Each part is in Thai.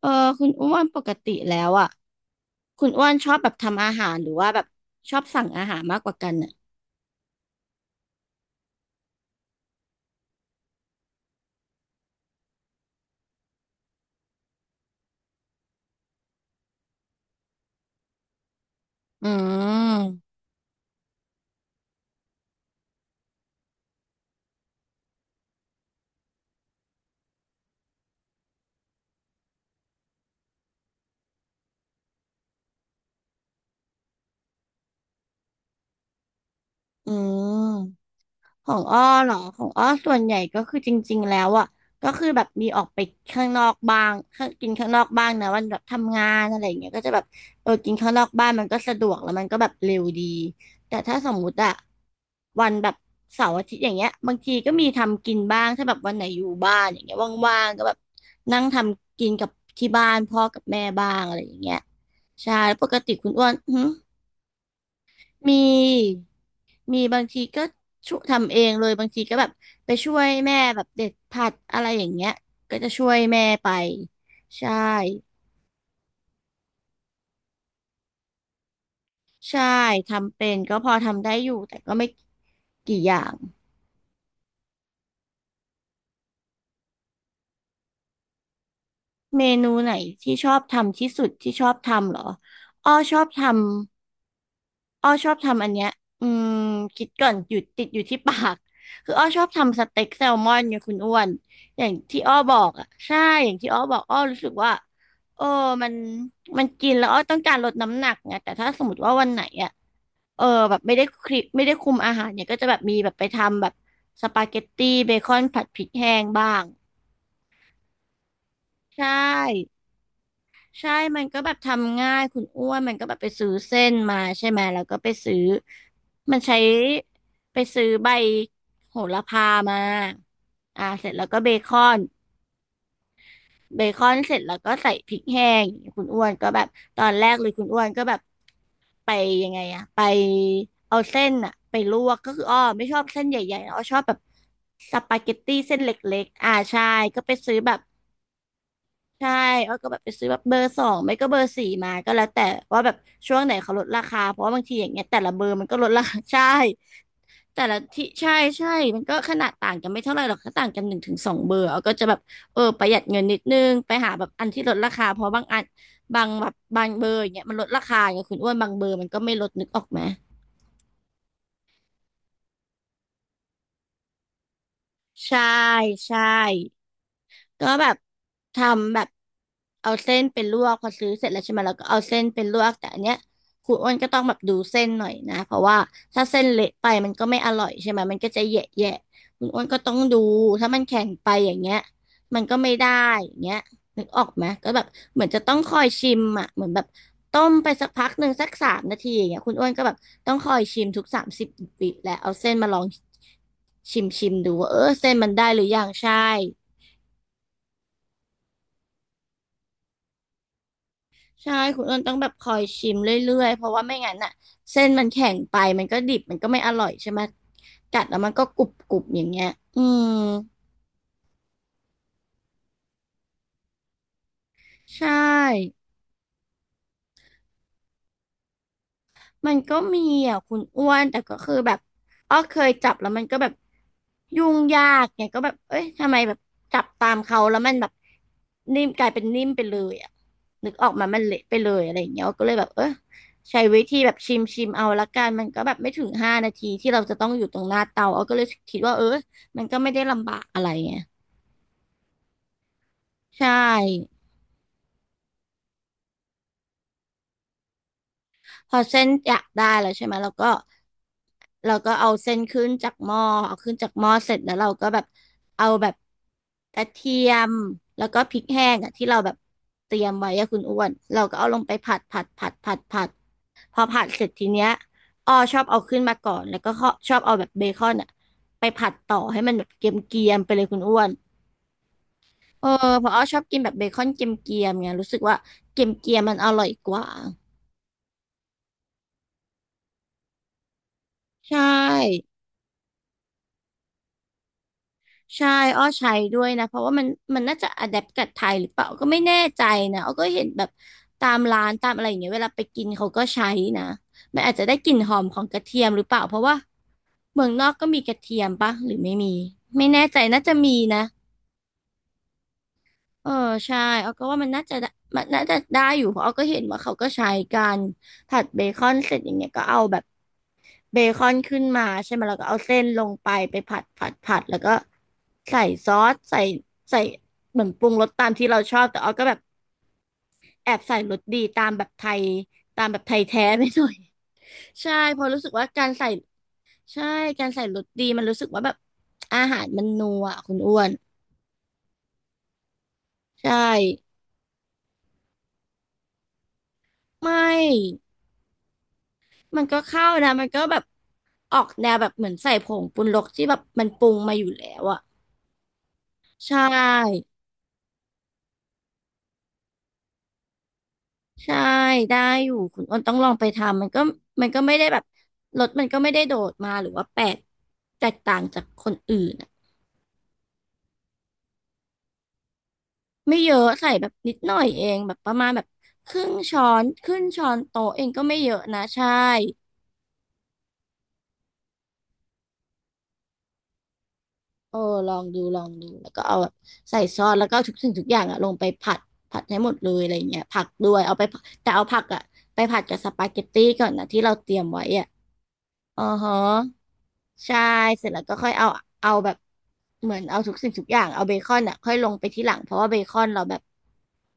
เออคุณอ้วนปกติแล้วอ่ะคุณอ้วนชอบแบบทำอาหารหรือว่าแบบชอบสั่งอาหารมากกว่ากันอ่ะอืมอืม ของอ้อเนาะของอ้อส่วนใหญ่ก็คือจริงๆแล้วอ่ะก็คือแบบมีออกไปข้างนอกบ้างข้างกินข้างนอกบ้างนะวันแบบทำงานอะไรอย่างเงี้ยก็จะแบบเออกินข้างนอกบ้านมันก็สะดวกแล้วมันก็แบบเร็วดีแต่ถ้าสมมุติอะวันแบบเสาร์อาทิตย์อย่างเงี้ยบางทีก็มีทำกินบ้างถ้าแบบวันไหนอยู่บ้านอย่างเงี้ยว่างๆก็แบบนั่งทำกินกับที่บ้านพ่อกับแม่บ้างอะไรอย่างเงี้ยใช่แล้วปกติคุณอ้วนหึ มีมีบางทีก็ช่วยทำเองเลยบางทีก็แบบไปช่วยแม่แบบเด็ดผักอะไรอย่างเงี้ยก็จะช่วยแม่ไปใช่ใช่ทำเป็นก็พอทำได้อยู่แต่ก็ไม่กี่อย่างเมนูไหนที่ชอบทำที่สุดที่ชอบทำเหรออ้อชอบทำ อ้อชอบทำอันเนี้ย อืมคิดก่อนหยุดติดอยู่ที่ปากคืออ้อชอบทำสเต็กแซลมอนเนี่ยคุณอ้วนอย่างที่อ้อบอกอ่ะใช่อย่างที่อ้อบอกอ้อรู้สึกว่าเออมันมันกินแล้วอ้อต้องการลดน้ำหนักไงแต่ถ้าสมมติว่าวันไหนอ่ะเออแบบไม่ได้คุมอาหารเนี่ยก็จะแบบมีแบบไปทำแบบสปาเกตตี้เบคอนผัดพริกแห้งบ้างใช่ ใช่มันก็แบบทำง่ายคุณอ้วนมันก็แบบไปซื้อเส้นมาใช่ไหมแล้วก็ไปซื้อมันใช้ไปซื้อใบโหระพามาอ่าเสร็จแล้วก็เบคอนเบคอนเสร็จแล้วก็ใส่พริกแห้งอย่างเงี้ยคุณอ้วนก็แบบตอนแรกเลยคุณอ้วนก็แบบไปยังไงอะไปเอาเส้นอะไปลวกก็คืออ้อไม่ชอบเส้นใหญ่ๆอ้อชอบแบบสปาเกตตี้เส้นเล็กๆอ่าใช่ก็ไปซื้อแบบ ใช่อ้อก็แบบไปซื้อแบบเบอร์ 2ไม่ก็เบอร์ 4มาก็แล้วแต่ว่าแบบช่วงไหนเขาลดราคาเพราะว่าบางทีอย่างเงี้ยแต่ละเบอร์มันก็ลดราคา ใช่แต่ละที่ใช่ใช่มันก็ขนาดต่างกันไม่เท่าไหร่หรอกก็ต่างกัน1 ถึง 2 เบอร์อ้อก็จะแบบเออประหยัดเงินนิดนึงไปหาแบบอันที่ลดราคาเพราะบางอันบางแบบบางเบอร์อย่างเงี้ยมันลดราคาอย่างเงี้ยคุณอ้วนบางเบอร์มันก็ไม่ลดนึกออกไหมใช่ใช่ ก็แบบทำแบบเอาเส้นเป็นลวกพอซื้อเสร็จแล้วใช่ไหมแล้วก็เอาเส้นเป็นลวกแต่อันเนี้ยคุณอ้วนก็ต้องแบบดูเส้นหน่อยนะเพราะว่าถ้าเส้นเละไปมันก็ไม่อร่อยใช่ไหมมันก็จะแยะแยะคุณอ้วนก็ต้องดูถ้ามันแข็งไปอย่างเงี้ยมันก็ไม่ได้อย่างเงี้ยนึกออกไหมก็แบบเหมือนจะต้องคอยชิมอ่ะเหมือนแบบต้มไปสักพักหนึ่งสัก3 นาทีอย่างเงี้ยคุณอ้วนก็แบบต้องคอยชิมทุก30 วิแล้วเอาเส้นมาลองชิมชิมดูว่าเออเส้นมันได้หรือยังใช่ ใช่คุณอ้นต้องแบบคอยชิมเรื่อยๆ เพราะว่าไม่งั้นน่ะเส้นมันแข็งไปมันก็ดิบมันก็ไม่อร่อยใช่ไหมกัดแล้วมันก็กรุบๆอย่างเงี้ยอืมใช่ มันก็มีอ่ะคุณอ้วนแต่ก็คือแบบอ้อเคยจับแล้วมันก็แบบยุ่งยากไงก็แบบเอ้ยทำไมแบบจับตามเขาแล้วมันแบบนิ่มกลายเป็นนิ่มไปเลยอ่ะนึกออกมามันเละไปเลยอะไรอย่างเงี้ยก็เลยแบบเออใช้วิธีแบบชิมชิมเอาละกันมันก็แบบไม่ถึง5 นาทีที่เราจะต้องอยู่ตรงหน้าเตาอ้อก็เลยคิดว่าเออมันก็ไม่ได้ลำบากอะไรไงใช่ พอเส้นอยากได้แล้วใช่ไหมเราก็เราก็เอาเส้นขึ้นจากหม้อเอาขึ้นจากหม้อเสร็จแล้วเราก็แบบเอาแบบกระเทียมแล้วก็พริกแห้งอะที่เราแบบเตรียมไว้อะคุณอ้วนเราก็เอาลงไปผัดผัดผัดผัดผัดพอผัดเสร็จทีเนี้ยอ้อชอบเอาขึ้นมาก่อนแล้วก็ข้อชอบเอาแบบเบคอนอะไปผัดต่อให้มันแบบเกรียมๆไปเลยคุณอ้วนเออเพราะอ้อชอบกินแบบเบคอนเกรียมๆไงรู้สึกว่าเกรียมๆมันอร่อยกว่าใช่ ใช่อ้อใช้ด้วยนะ เพราะว่ามันน่าจะอะแดปกับไทยหรือเปล่าก็ไม่แน่ใจนะอ้อก็เห็นแบบตามร้านตามอะไรอย่างเงี้ยเวลาไปกินเขาก็ใช้นะมันอาจจะได้กลิ่นหอมของกระเทียมหรือเปล่าเพราะว่าเมืองนอกก็มีกระเทียมปะหรือไม่มีไม่แน่ใจน่าจะมีนะเออใช่เอ้ก็ว่ามันน่าจะได้มันน่าจะได้อยู่เพราะเอ้ก็เห็นว่าเขาก็ใช้กันผัดเบคอนเสร็จอย่างเงี้ยก็เอาแบบ เบคอนขึ้นมาใช่ไหมแล้วก็เอาเส้นลงไปผัดผัดผัดแล้วก็ใส่ซอสใส่เหมือนปรุงรสตามที่เราชอบแต่ออก็แบบแอบใส่รสดีตามแบบไทยตามแบบไทยแท้ไปหน่อย ใช่เพอรู้สึกว่าการใส่ใช่การใส่รสดีมันรู้สึกว่าแบบอาหารมันนัวอะคุณอ้วนใช่ไม่มันก็เข้านะมันก็แบบออกแนวแบบเหมือนใส่ผงปรุงรสที่แบบมันปรุงมาอยู่แล้วอะใช่ ใช่ได้อยู่คุณอ้นต้องลองไปทำมันก็ไม่ได้แบบรถมันก็ไม่ได้โดดมาหรือว่าแปลกแตกต่างจากคนอื่นอะไม่เยอะใส่แบบนิดหน่อยเองแบบประมาณแบบครึ่งช้อนครึ่งช้อนโต๊ะเองก็ไม่เยอะนะใช่เออลองดูลองดูแล้วก็เอาแบบใส่ซอสแล้วก็เอาทุกสิ่งทุกอย่างอะลงไปผัดผัดให้หมดเลยอะไรเงี้ยผักด้วยเอาไปผัดแต่เอาผักอะไปผัดกับสปาเกตตี้ก่อนนะที่เราเตรียมไว้อะ อ๋อฮะใช่เสร็จแล้วก็ค่อยเอาเอาแบบเหมือนเอาทุกสิ่งทุกอย่างเอาเบคอนอ่ะค่อยลงไปที่หลังเพราะว่าเบคอนเราแบบ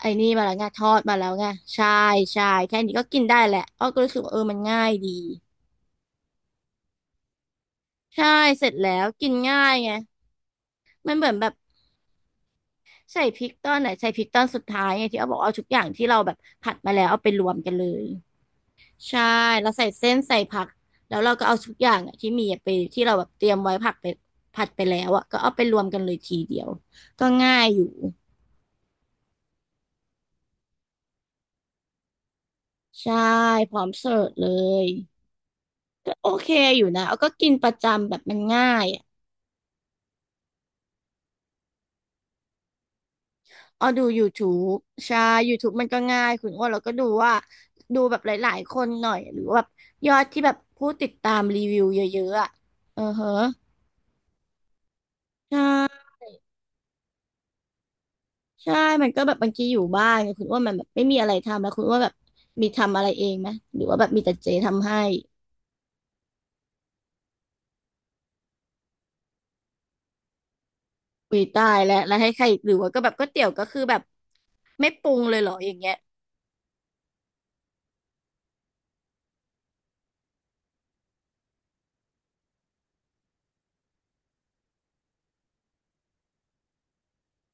ไอ้นี่มาแล้วไงทอดมาแล้วไงใช่ใช่แค่นี้ก็กินได้แหละอ้อก็รู้สึกว่าเออมันง่ายดีใช่เสร็จแล้วกินง่ายไงมันเหมือนแบบใส่พริกตอนไหนใส่พริกตอนสุดท้ายไงที่เอาบอกเอาทุกอย่างที่เราแบบผัดมาแล้วเอาไปรวมกันเลย ใช่เราใส่เส้นใส่ผักแล้วเราก็เอาทุกอย่างอะที่มีอะไปที่เราแบบเตรียมไว้ผักไปผัดไปแล้วอ่ะก็เอาไปรวมกันเลยทีเดียวก็ง่ายอยู่ใช่พร้อมเสิร์ฟเลยก็โอเคอยู่นะเอาก็กินประจำแบบมันง่ายอะเอาดู YouTube ใช่ YouTube มันก็ง่ายคุณอ้วนเราก็ดูว่าดูแบบหลายๆคนหน่อยหรือว่าแบบยอดที่แบบผู้ติดตามรีวิวเยอะๆอ่ะเออเฮะใช่ ใช่ มันก็แบบบางทีอยู่บ้านไงคุณอ้วนมันแบบไม่มีอะไรทำแล้วคุณอ้วนแบบมีทำอะไรเองไหมหรือว่าแบบมีแต่เจทำให้อุ้ยตายแล้วแล้วให้ใครหรือว่าก็แบบก๋วยเตี๋ยวก็คือแบบไม่ปรุงเลยเหรออย่างเงี้ย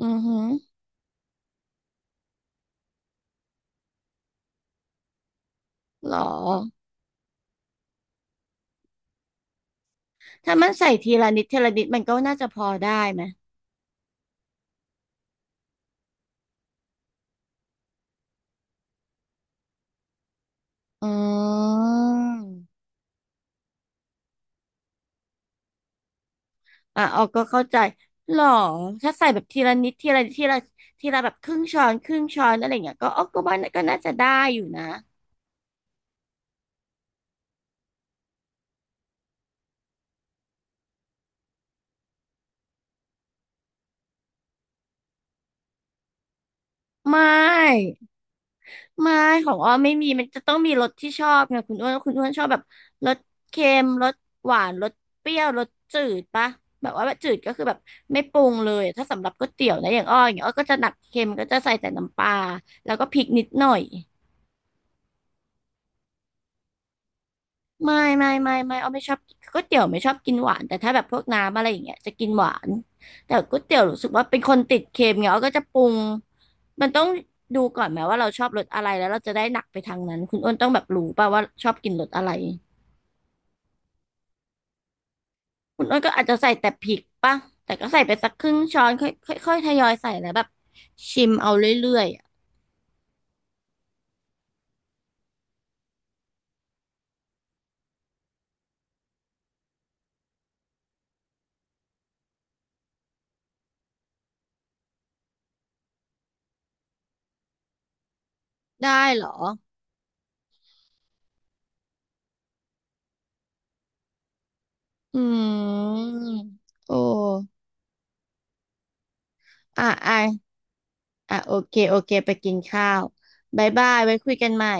อือหือหรอถ้ามันใส่ทีละนิดทีละนิดมันก็น่าจะพอได้ไหมอืมอ่ะออกก็เข้าใจหรอถ้าใส่แบบทีละนิดทีละนิดทีละแบบครึ่งช้อนครึ่งช้อนอะไรอย่างเงี้ยก็ออกก็ว่าก็น่าจะได้อยู่นะไม่ ไม่ของอ้อไม่มีมันจะต้องมีรสที่ชอบไงคุณอ้วนคุณอ้วนชอบแบบรสเค็มรสหวานรสเปรี้ยวรสจืดปะแบบว่าแบบจืดก็คือแบบไม่ปรุงเลยถ้าสำหรับก๋วยเตี๋ยวนะอย่างอ้ออย่างเงี้ยอ้อก็จะหนักเค็มก็จะใส่แต่น้ำปลาแล้วก็พริกนิดหน่อย ไม่ไม่ไม่ไม่เอาไม่ชอบก๋วยเตี๋ยวไม่ชอบกินหวานแต่ถ้าแบบพวกน้ำอะไรอย่างเงี้ยจะกินหวานแต่ก๋วยเตี๋ยวรู้สึกว่าเป็นคนติดเค็มเงี้ยเอาก็จะปรุงมันต้องดูก่อนไหมว่าเราชอบรสอะไรแล้วเราจะได้หนักไปทางนั้นคุณอ้นต้องแบบรู้ป่ะว่าชอบกินรสอะไรคุณอ้นก็อาจจะใส่แต่พริกป่ะแต่ก็ใส่ไปสักครึ่งช้อนค่อยค่อยค่อยทยอยใส่แล้วแบบชิมเอาเรื่อยๆอะได้เหรออืมโอ้อ่ะอ่ะ อ่ะโอเคโอเคไปกินข้าวบ๊ายบายไว้คุยกันใหม่